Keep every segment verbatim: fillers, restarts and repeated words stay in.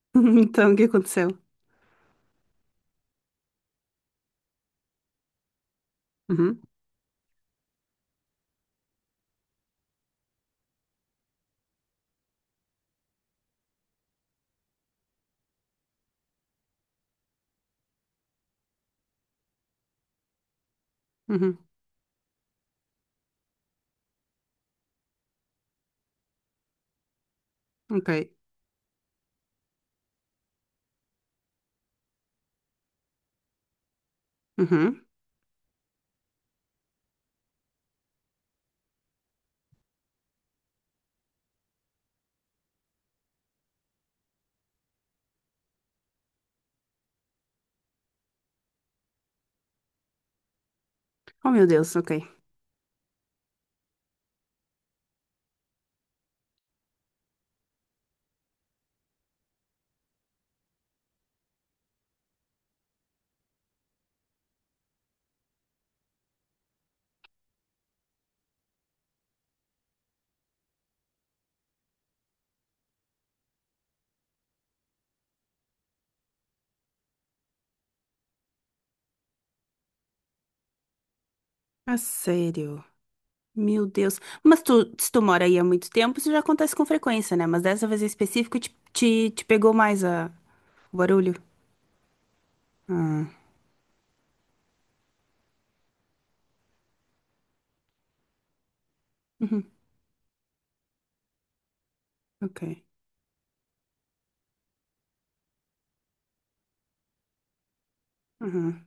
Então, o que aconteceu? Uhum, uhum, ok. Uhum. Oh, meu Deus, ok. Ah, sério? Meu Deus. Mas tu, se tu mora aí há muito tempo, isso já acontece com frequência, né? Mas dessa vez em específico, te, te, te pegou mais a, o barulho? Ah, uhum, ok. Uhum,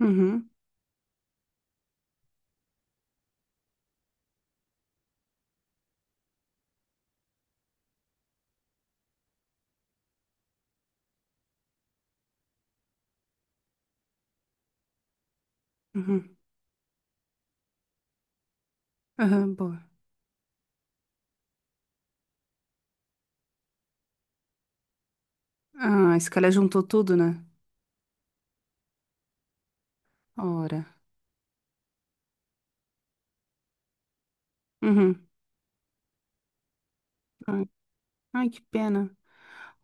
uhum, uhum. Aham, boa. Ah, esse cara juntou tudo, né? Ora. Uhum. Ai, ai, que pena.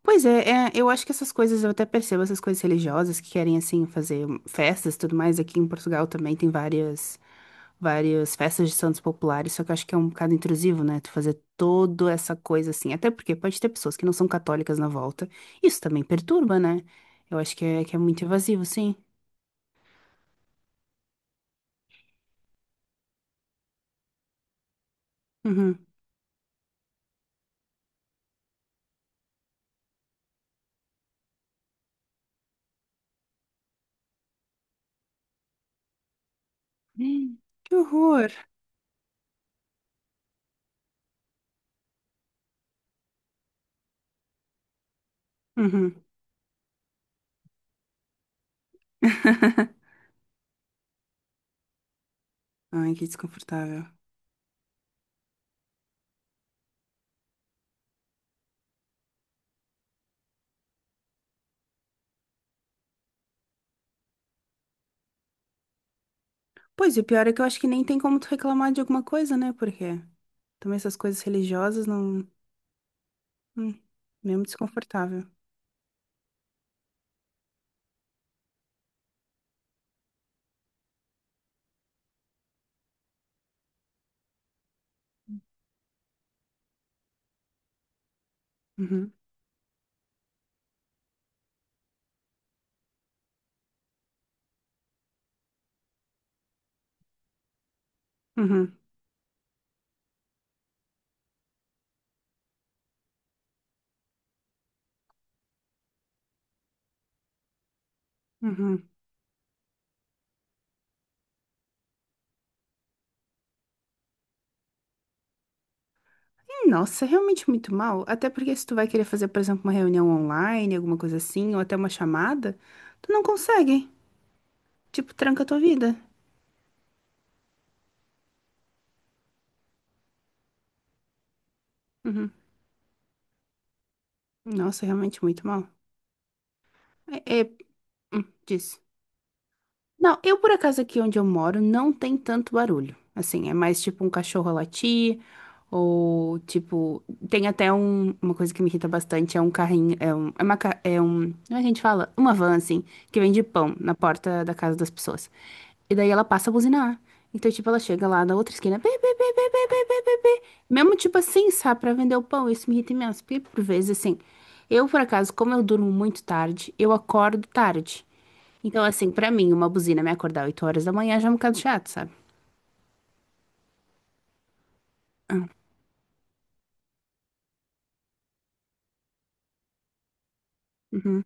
Pois é, é, eu acho que essas coisas, eu até percebo essas coisas religiosas que querem, assim, fazer festas e tudo mais. Aqui em Portugal também tem várias, várias festas de santos populares, só que eu acho que é um bocado intrusivo, né? Tu fazer toda essa coisa assim. Até porque pode ter pessoas que não são católicas na volta. Isso também perturba, né? Eu acho que é, que é muito invasivo, sim. Uhum. Ih, que horror! Uhum. Ai, que desconfortável. Pois, e o pior é que eu acho que nem tem como tu reclamar de alguma coisa, né? Porque também essas coisas religiosas não. Hum, mesmo desconfortável. Uhum, uhum, uhum. Hum, nossa, é realmente muito mal. Até porque se tu vai querer fazer, por exemplo, uma reunião online, alguma coisa assim, ou até uma chamada, tu não consegue. Tipo, tranca a tua vida. Uhum. Nossa, é realmente muito mal. É, é, diz. Não, eu por acaso aqui onde eu moro não tem tanto barulho. Assim, é mais tipo um cachorro a latir, ou tipo. Tem até um, uma coisa que me irrita bastante: é um carrinho. É, um, é, uma, ca- é um. Como é que a gente fala? Uma van, assim, que vende pão na porta da casa das pessoas. E daí ela passa a buzinar. Então, tipo, ela chega lá na outra esquina. "Bê, bê, bê, bê, bê, bê, bê, bê, bê." Mesmo tipo assim, sabe, pra vender o pão. Isso me irrita imenso. Porque por vezes, assim, eu, por acaso, como eu durmo muito tarde, eu acordo tarde. Então, assim, pra mim, uma buzina me acordar oito horas da manhã já é um bocado chato, sabe? Ah, uhum,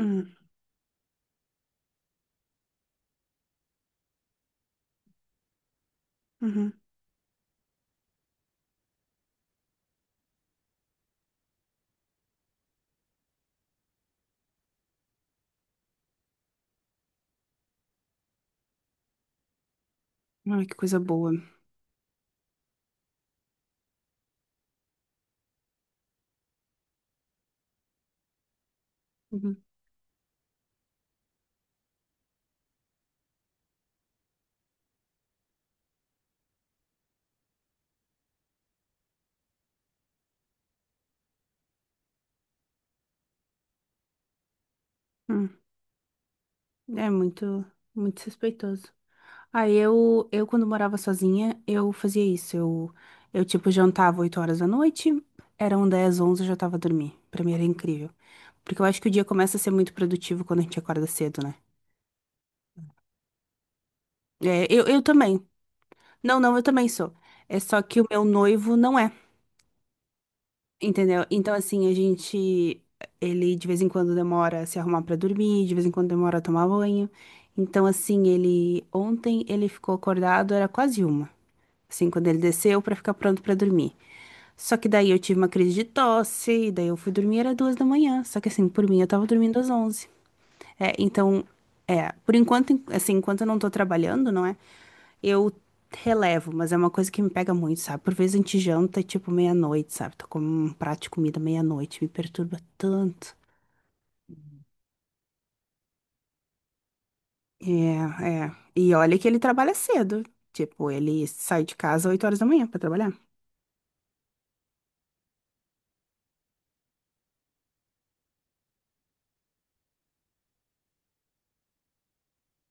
uhum, uhum. Ai, que coisa boa. Uhum, uhum. É muito, muito suspeitoso. Aí eu, eu quando morava sozinha, eu fazia isso. Eu, eu tipo, jantava oito horas da noite, eram dez, onze, eu já tava a dormir. Pra mim era incrível. Porque eu acho que o dia começa a ser muito produtivo quando a gente acorda cedo, né? É, eu, eu também. Não, não, eu também sou. É só que o meu noivo não é, entendeu? Então, assim, a gente. Ele de vez em quando demora a se arrumar pra dormir, de vez em quando demora a tomar banho. Então, assim, ele. Ontem ele ficou acordado, era quase uma. Assim, quando ele desceu pra ficar pronto pra dormir. Só que daí eu tive uma crise de tosse, e daí eu fui dormir, era duas da manhã. Só que assim, por mim, eu tava dormindo às onze. É, então, é, por enquanto, en- assim, enquanto eu não tô trabalhando, não é? Eu relevo, mas é uma coisa que me pega muito, sabe? Por vezes a gente janta, tipo, meia-noite, sabe? Tô com um prato de comida meia-noite, me perturba tanto. É, é. E olha que ele trabalha cedo. Tipo, ele sai de casa oito horas da manhã pra trabalhar.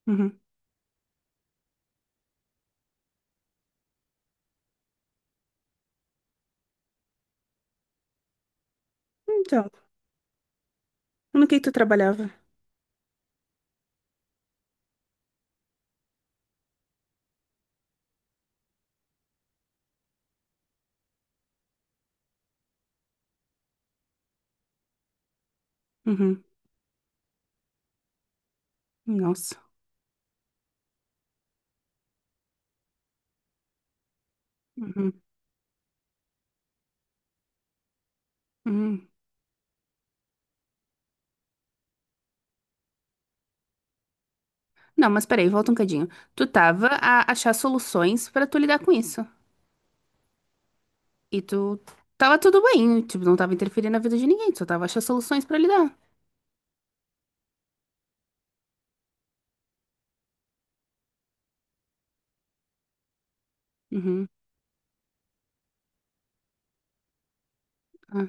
Uhum. Então, no que que tu trabalhava? Uhum. Nossa. Uhum, uhum. Não, mas peraí, volta um cadinho. Tu tava a achar soluções pra tu lidar com isso. E tu tava tudo bem, tipo, não tava interferindo na vida de ninguém, tu só tava a achar soluções pra lidar. Uhum. Ah,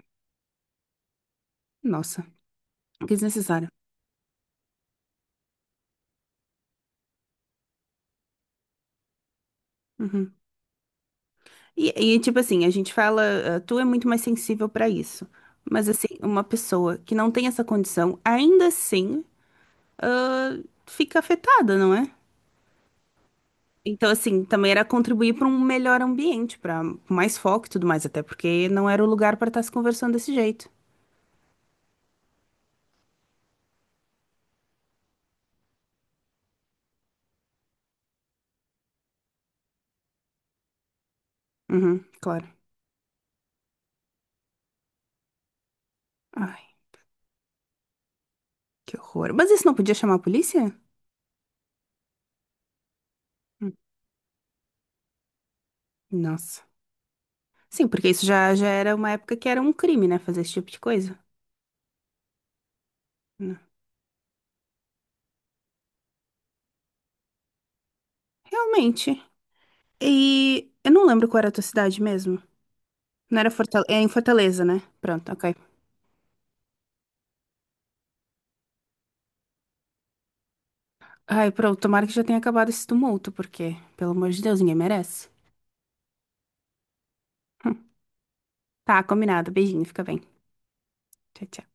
nossa, que desnecessário. Uhum. E, e, tipo assim, a gente fala, ah, tu é muito mais sensível pra isso. Mas assim, uma pessoa que não tem essa condição, ainda assim, ah, fica afetada, não é? Então, assim, também era contribuir para um melhor ambiente, para mais foco e tudo mais, até porque não era o lugar para estar se conversando desse jeito. Uhum, claro. Ai, que horror. Mas isso não podia chamar a polícia? Hum, Nossa. Sim, porque isso já, já era uma época que era um crime, né? Fazer esse tipo de coisa. Hum, Realmente. E eu não lembro qual era a tua cidade mesmo. Não era Fortaleza. É em Fortaleza, né? Pronto, ok. Ai, pronto, tomara que já tenha acabado esse tumulto, porque, pelo amor de Deus, ninguém merece. Hum, Tá, combinado. Beijinho, fica bem. Tchau, tchau.